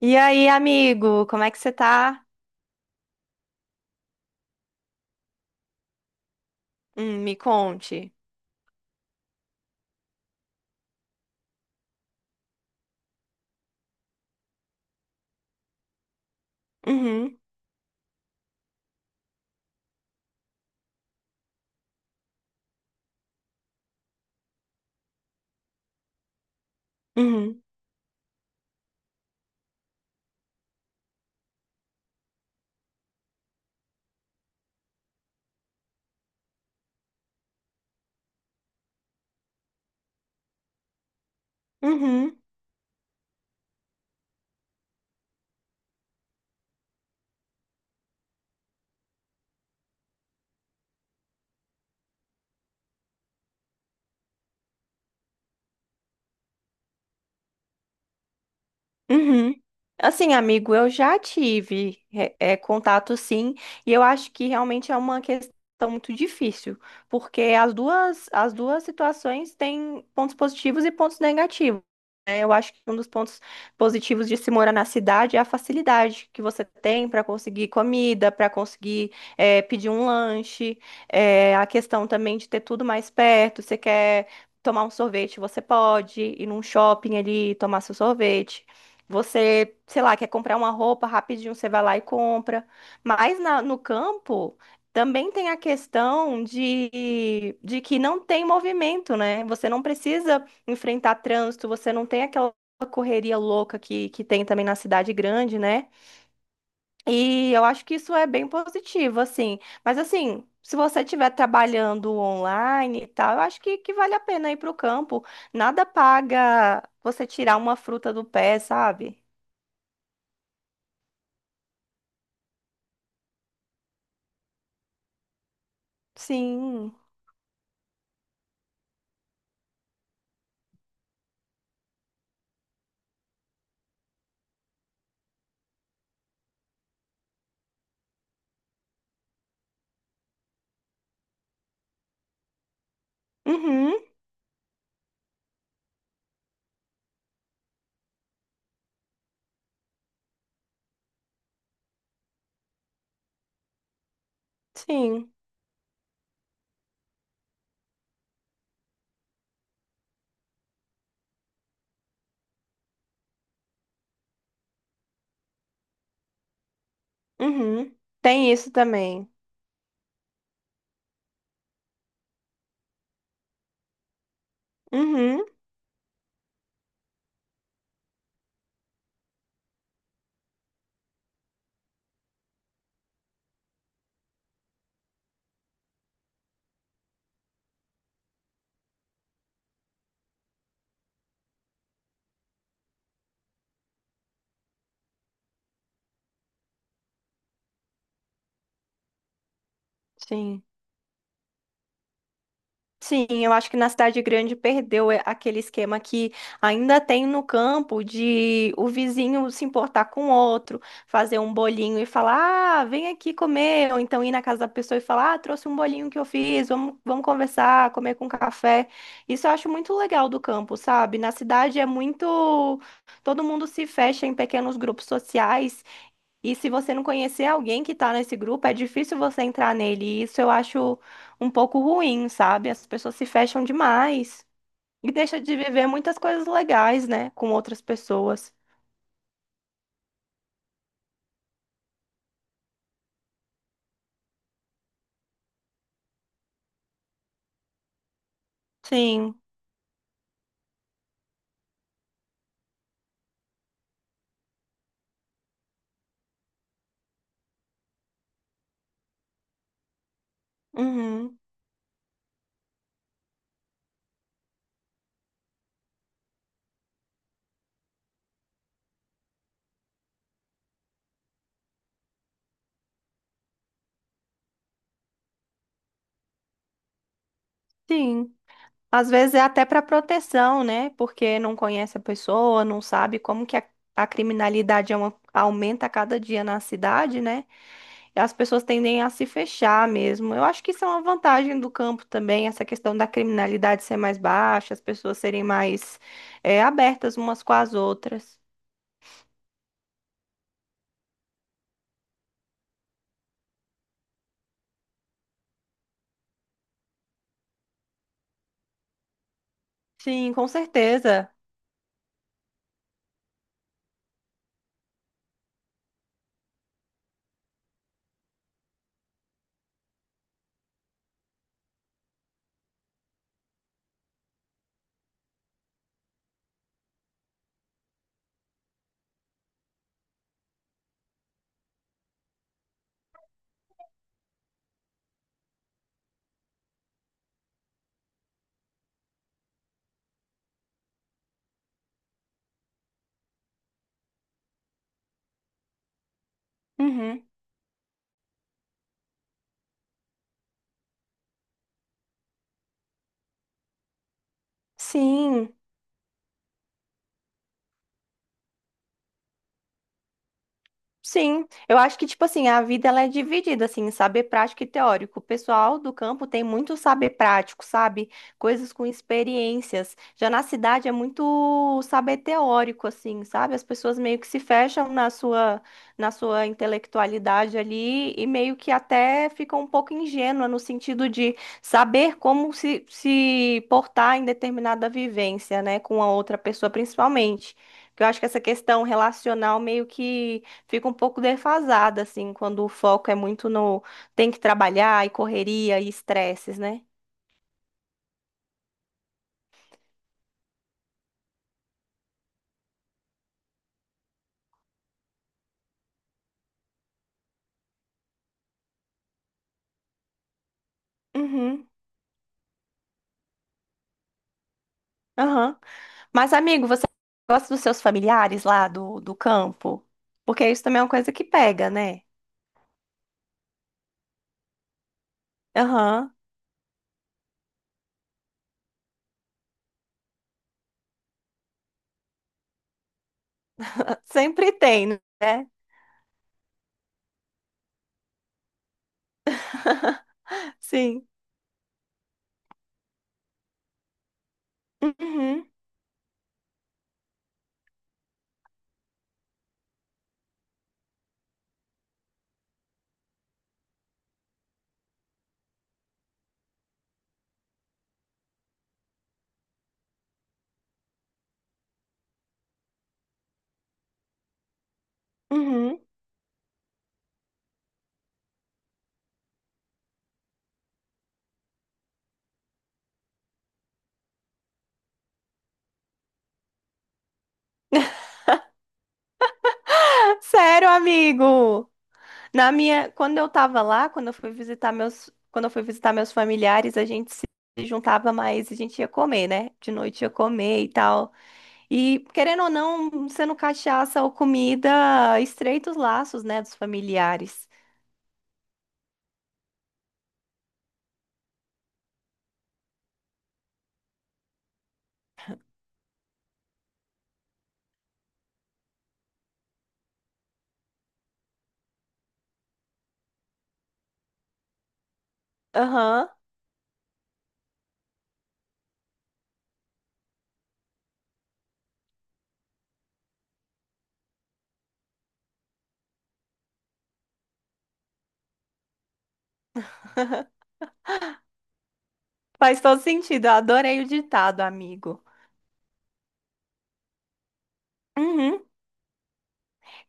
E aí, amigo, como é que você tá? Me conte. Uhum, uhum, uhum. Uhum. Assim, amigo, eu já tive contato sim, e eu acho que realmente é uma questão muito difícil, porque as duas situações têm pontos positivos e pontos negativos. Né? Eu acho que um dos pontos positivos de se morar na cidade é a facilidade que você tem para conseguir comida, para conseguir pedir um lanche, a questão também de ter tudo mais perto. Você quer tomar um sorvete, você pode ir num shopping ali e tomar seu sorvete. Você, sei lá, quer comprar uma roupa rapidinho, você vai lá e compra. Mas no campo também tem a questão de que não tem movimento, né? Você não precisa enfrentar trânsito, você não tem aquela correria louca que tem também na cidade grande, né? E eu acho que isso é bem positivo, assim. Mas assim, se você estiver trabalhando online e tal, eu acho que vale a pena ir para o campo. Nada paga você tirar uma fruta do pé, sabe? Sim. Uhum. Sim. Uhum. Tem isso também. Uhum. Sim. Sim, eu acho que na cidade grande perdeu aquele esquema que ainda tem no campo de o vizinho se importar com o outro, fazer um bolinho e falar, ah, vem aqui comer, ou então ir na casa da pessoa e falar, ah, trouxe um bolinho que eu fiz, vamos conversar, comer com café. Isso eu acho muito legal do campo, sabe? Na cidade é muito, todo mundo se fecha em pequenos grupos sociais. E se você não conhecer alguém que tá nesse grupo, é difícil você entrar nele. E isso eu acho um pouco ruim, sabe? As pessoas se fecham demais e deixa de viver muitas coisas legais, né? Com outras pessoas. Sim. Uhum. Sim. Às vezes é até para proteção, né? Porque não conhece a pessoa, não sabe como que a criminalidade aumenta a cada dia na cidade, né? As pessoas tendem a se fechar mesmo. Eu acho que isso é uma vantagem do campo também, essa questão da criminalidade ser mais baixa, as pessoas serem mais abertas umas com as outras. Sim, com certeza. Uhum. Sim. Sim, eu acho que, tipo assim, a vida ela é dividida, assim, em saber prático e teórico. O pessoal do campo tem muito saber prático, sabe? Coisas com experiências. Já na cidade é muito saber teórico, assim, sabe? As pessoas meio que se fecham na sua, intelectualidade ali e meio que até ficam um pouco ingênua no sentido de saber como se portar em determinada vivência, né? Com a outra pessoa, principalmente. Porque eu acho que essa questão relacional meio que fica um pouco defasada, assim, quando o foco é muito no tem que trabalhar e correria e estresses, né? Uhum, aham. Mas, amigo, você gosta dos seus familiares lá do campo? Porque isso também é uma coisa que pega, né? Aham, sempre tem, né? Sim. Uhum, uhum. Sério, amigo. Quando eu tava lá, quando eu fui visitar meus familiares, a gente se juntava mais, e a gente ia comer, né? De noite ia comer e tal. E, querendo ou não, sendo cachaça ou comida, estreita os laços, né, dos familiares. Aham, faz todo sentido. Eu adorei o ditado, amigo. Uhum.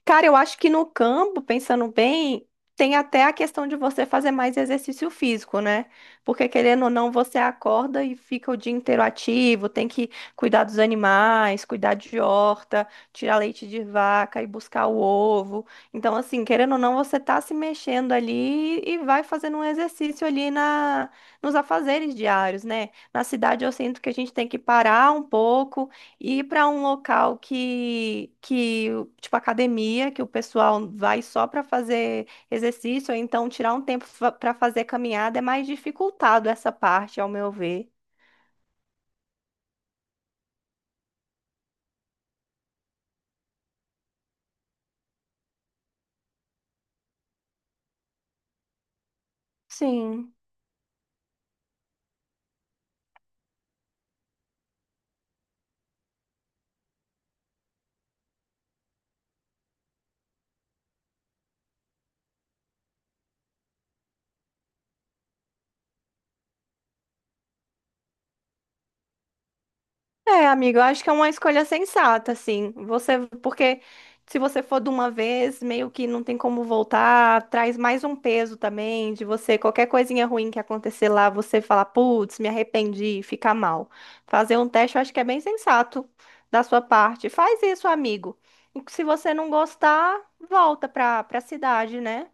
Cara, eu acho que no campo, pensando bem, tem até a questão de você fazer mais exercício físico, né? Porque querendo ou não, você acorda e fica o dia inteiro ativo, tem que cuidar dos animais, cuidar de horta, tirar leite de vaca e buscar o ovo. Então, assim, querendo ou não, você tá se mexendo ali e vai fazendo um exercício ali na nos afazeres diários, né? Na cidade eu sinto que a gente tem que parar um pouco e ir para um local tipo academia, que o pessoal vai só para fazer exercício, ou então tirar um tempo para fazer caminhada, é mais dificultado essa parte, ao meu ver. Sim. É, amigo, eu acho que é uma escolha sensata, assim. Você, porque se você for de uma vez, meio que não tem como voltar, traz mais um peso também de você, qualquer coisinha ruim que acontecer lá, você falar, putz, me arrependi, fica mal. Fazer um teste, eu acho que é bem sensato da sua parte. Faz isso, amigo. E se você não gostar, volta pra cidade, né?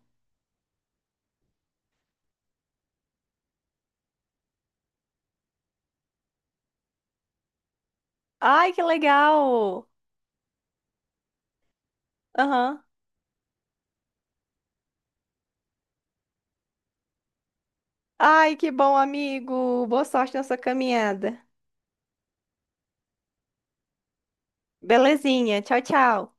Ai, que legal! Aham. Ai, que bom, amigo. Boa sorte na sua caminhada. Belezinha. Tchau, tchau.